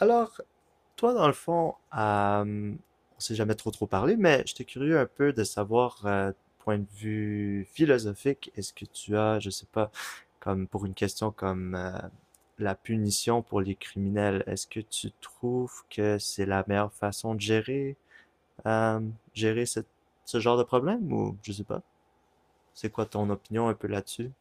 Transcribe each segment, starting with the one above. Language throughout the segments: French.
Alors, toi, dans le fond, on s'est jamais trop parlé, mais j'étais curieux un peu de savoir, point de vue philosophique, est-ce que tu as, je sais pas, comme pour une question comme la punition pour les criminels, est-ce que tu trouves que c'est la meilleure façon de gérer, euh, gérer ce genre de problème ou je sais pas, c'est quoi ton opinion un peu là-dessus?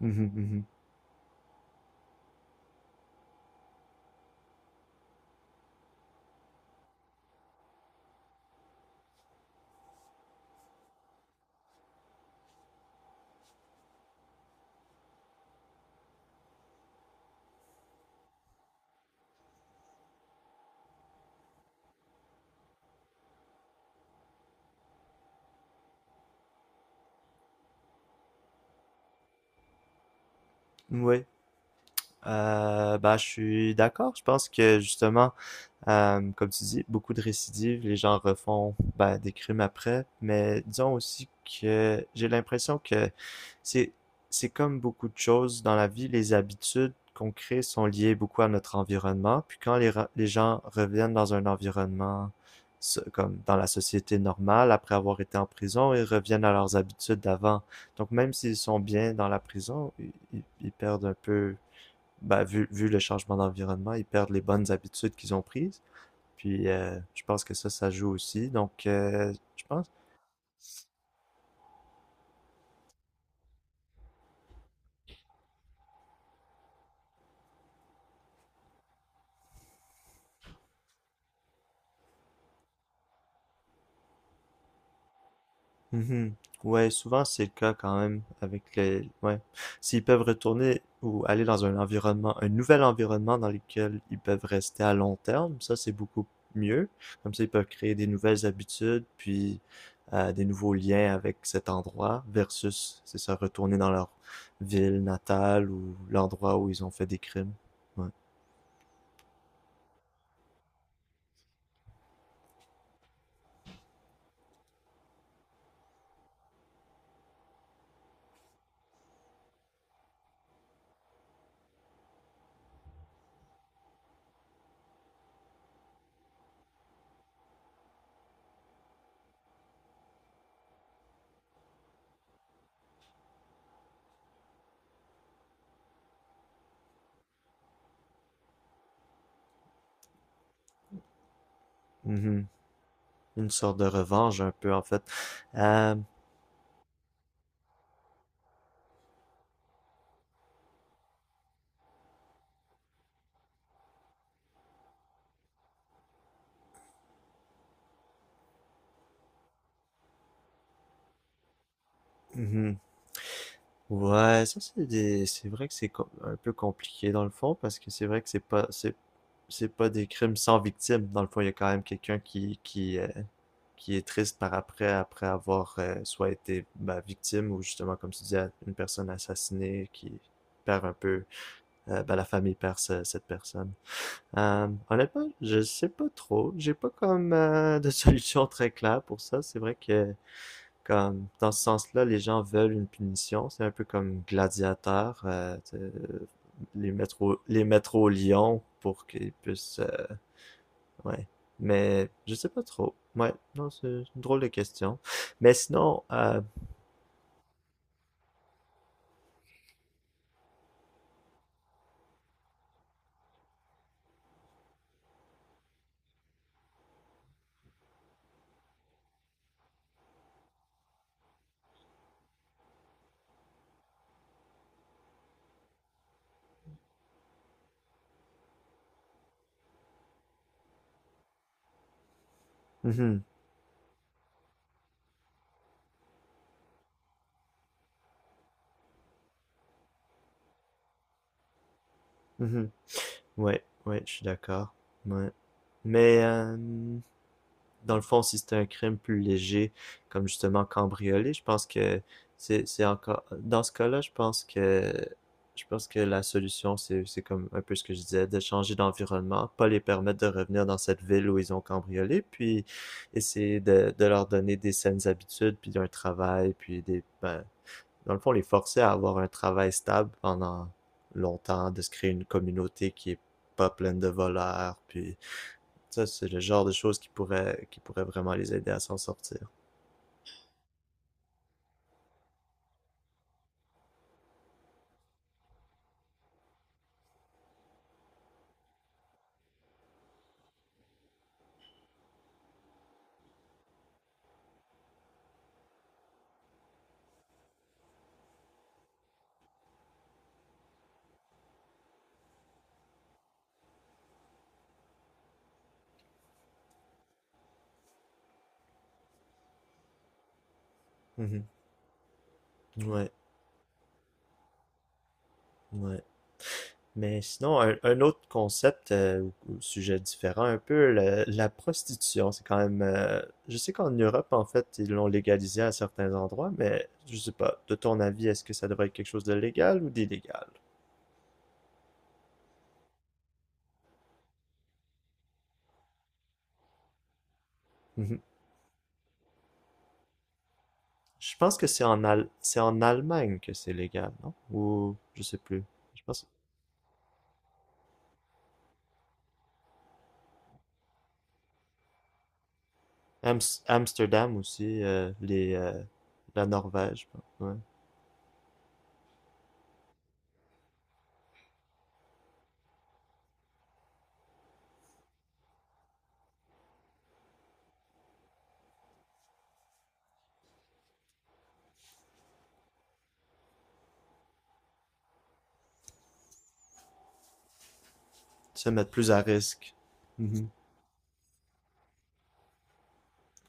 Mhm, mhm. Oui, bah je suis d'accord. Je pense que justement, comme tu dis, beaucoup de récidives, les gens refont ben, des crimes après, mais disons aussi que j'ai l'impression que c'est c'est comme beaucoup de choses dans la vie, les habitudes qu'on crée sont liées beaucoup à notre environnement, puis quand les gens reviennent dans un environnement comme dans la société normale, après avoir été en prison, ils reviennent à leurs habitudes d'avant. Donc même s'ils sont bien dans la prison, ils perdent un peu, ben, vu le changement d'environnement, ils perdent les bonnes habitudes qu'ils ont prises. Puis je pense que ça joue aussi. Donc, je pense. Mhm. Ouais, souvent c'est le cas quand même avec les. Ouais. S'ils peuvent retourner ou aller dans un environnement, un nouvel environnement dans lequel ils peuvent rester à long terme, ça c'est beaucoup mieux. Comme ça, ils peuvent créer des nouvelles habitudes, puis des nouveaux liens avec cet endroit, versus, c'est ça, retourner dans leur ville natale ou l'endroit où ils ont fait des crimes. Ouais. Mhm. Une sorte de revanche un peu en fait. Euh, Mhm. Ouais, ça c'est c'est vrai que un peu compliqué dans le fond parce que c'est vrai que c'est pas des crimes sans victime. Dans le fond, il y a quand même quelqu'un qui qui est triste par après après avoir soit été bah, victime ou justement comme tu disais une personne assassinée qui perd un peu bah, la famille perd cette personne. Honnêtement, je sais pas trop. J'ai pas comme de solution très claire pour ça. C'est vrai que comme, dans ce sens-là, les gens veulent une punition. C'est un peu comme Gladiateur, tu les mettre au lion pour qu'ils puissent, ouais. Mais je sais pas trop. Ouais, non, c'est une drôle de question. Mais sinon, mhm, mhm. Ouais, ouais, je suis d'accord. Ouais. Mais dans le fond, si c'était un crime plus léger, comme justement cambrioler, je pense que c'est encore dans ce cas-là, je pense que la solution c'est comme un peu ce que je disais, de changer d'environnement, pas les permettre de revenir dans cette ville où ils ont cambriolé, puis essayer de leur donner des saines habitudes, puis un travail, puis des ben, dans le fond les forcer à avoir un travail stable pendant longtemps, de se créer une communauté qui est pas pleine de voleurs, puis ça, c'est le genre de choses qui pourrait vraiment les aider à s'en sortir. Mhm. Ouais, ouais. Mais sinon, un autre concept ou sujet différent, un peu la prostitution, c'est quand même. Je sais qu'en Europe, en fait, ils l'ont légalisé à certains endroits, mais je sais pas. De ton avis, est-ce que ça devrait être quelque chose de légal ou d'illégal? Mhm. Je pense que c'est c'est en Allemagne que c'est légal, non? Ou je sais plus. Je pense Ams- Amsterdam aussi, les la Norvège, ouais. Se mettre plus à risque. Mhm.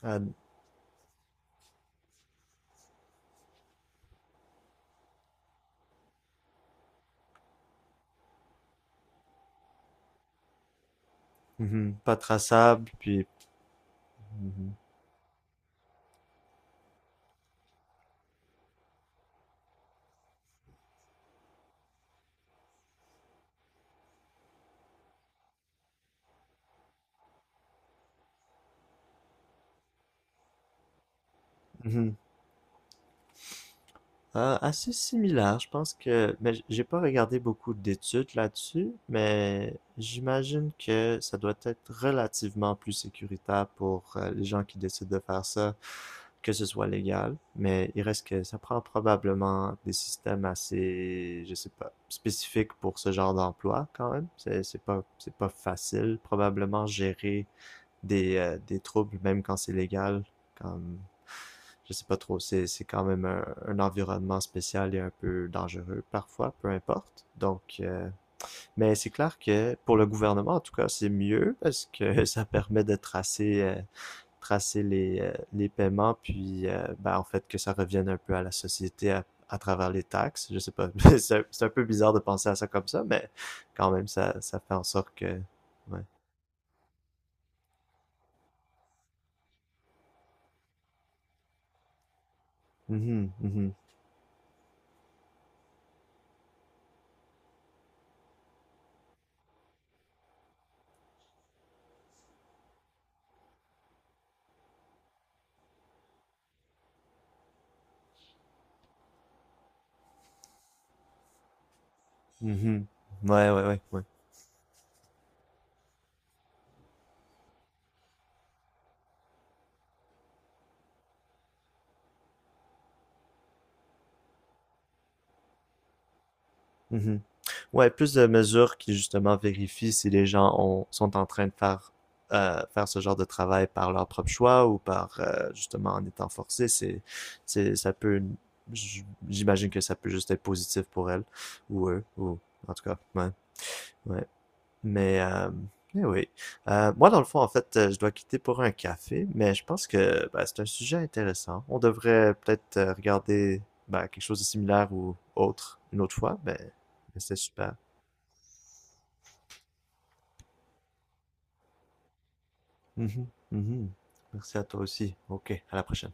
À- mhm. Pas traçable, puis... mhm. Mhm. Ah, assez similaire, je pense que... Mais j'ai pas regardé beaucoup d'études là-dessus, mais j'imagine que ça doit être relativement plus sécuritaire pour les gens qui décident de faire ça, que ce soit légal. Mais il reste que ça prend probablement des systèmes assez, je sais pas, spécifiques pour ce genre d'emploi quand même. C'est pas facile probablement gérer des troubles, même quand c'est légal. Comme, je sais pas trop, c'est quand même un environnement spécial et un peu dangereux parfois, peu importe. Donc, mais c'est clair que pour le gouvernement, en tout cas, c'est mieux parce que ça permet de tracer, tracer les paiements, puis ben, en fait que ça revienne un peu à la société à travers les taxes. Je sais pas, c'est un peu bizarre de penser à ça comme ça, mais quand même, ça fait en sorte que... Ouais. Mhm, mhm, mhm. Ouais, ouais, ouais, ouais. Mhm. Ouais, plus de mesures qui justement vérifient si les gens sont en train de faire, faire ce genre de travail par leur propre choix ou par justement en étant forcés, ça peut, j'imagine que ça peut juste être positif pour elles ou eux, ou en tout cas, ouais, ouais. Mais, euh, mais oui. Moi, dans le fond, en fait, je dois quitter pour un café, mais je pense que bah, c'est un sujet intéressant. On devrait peut-être regarder bah, quelque chose de similaire ou autre une autre fois, mais c'était super. Mhm, mhm. Merci à toi aussi. Ok, à la prochaine.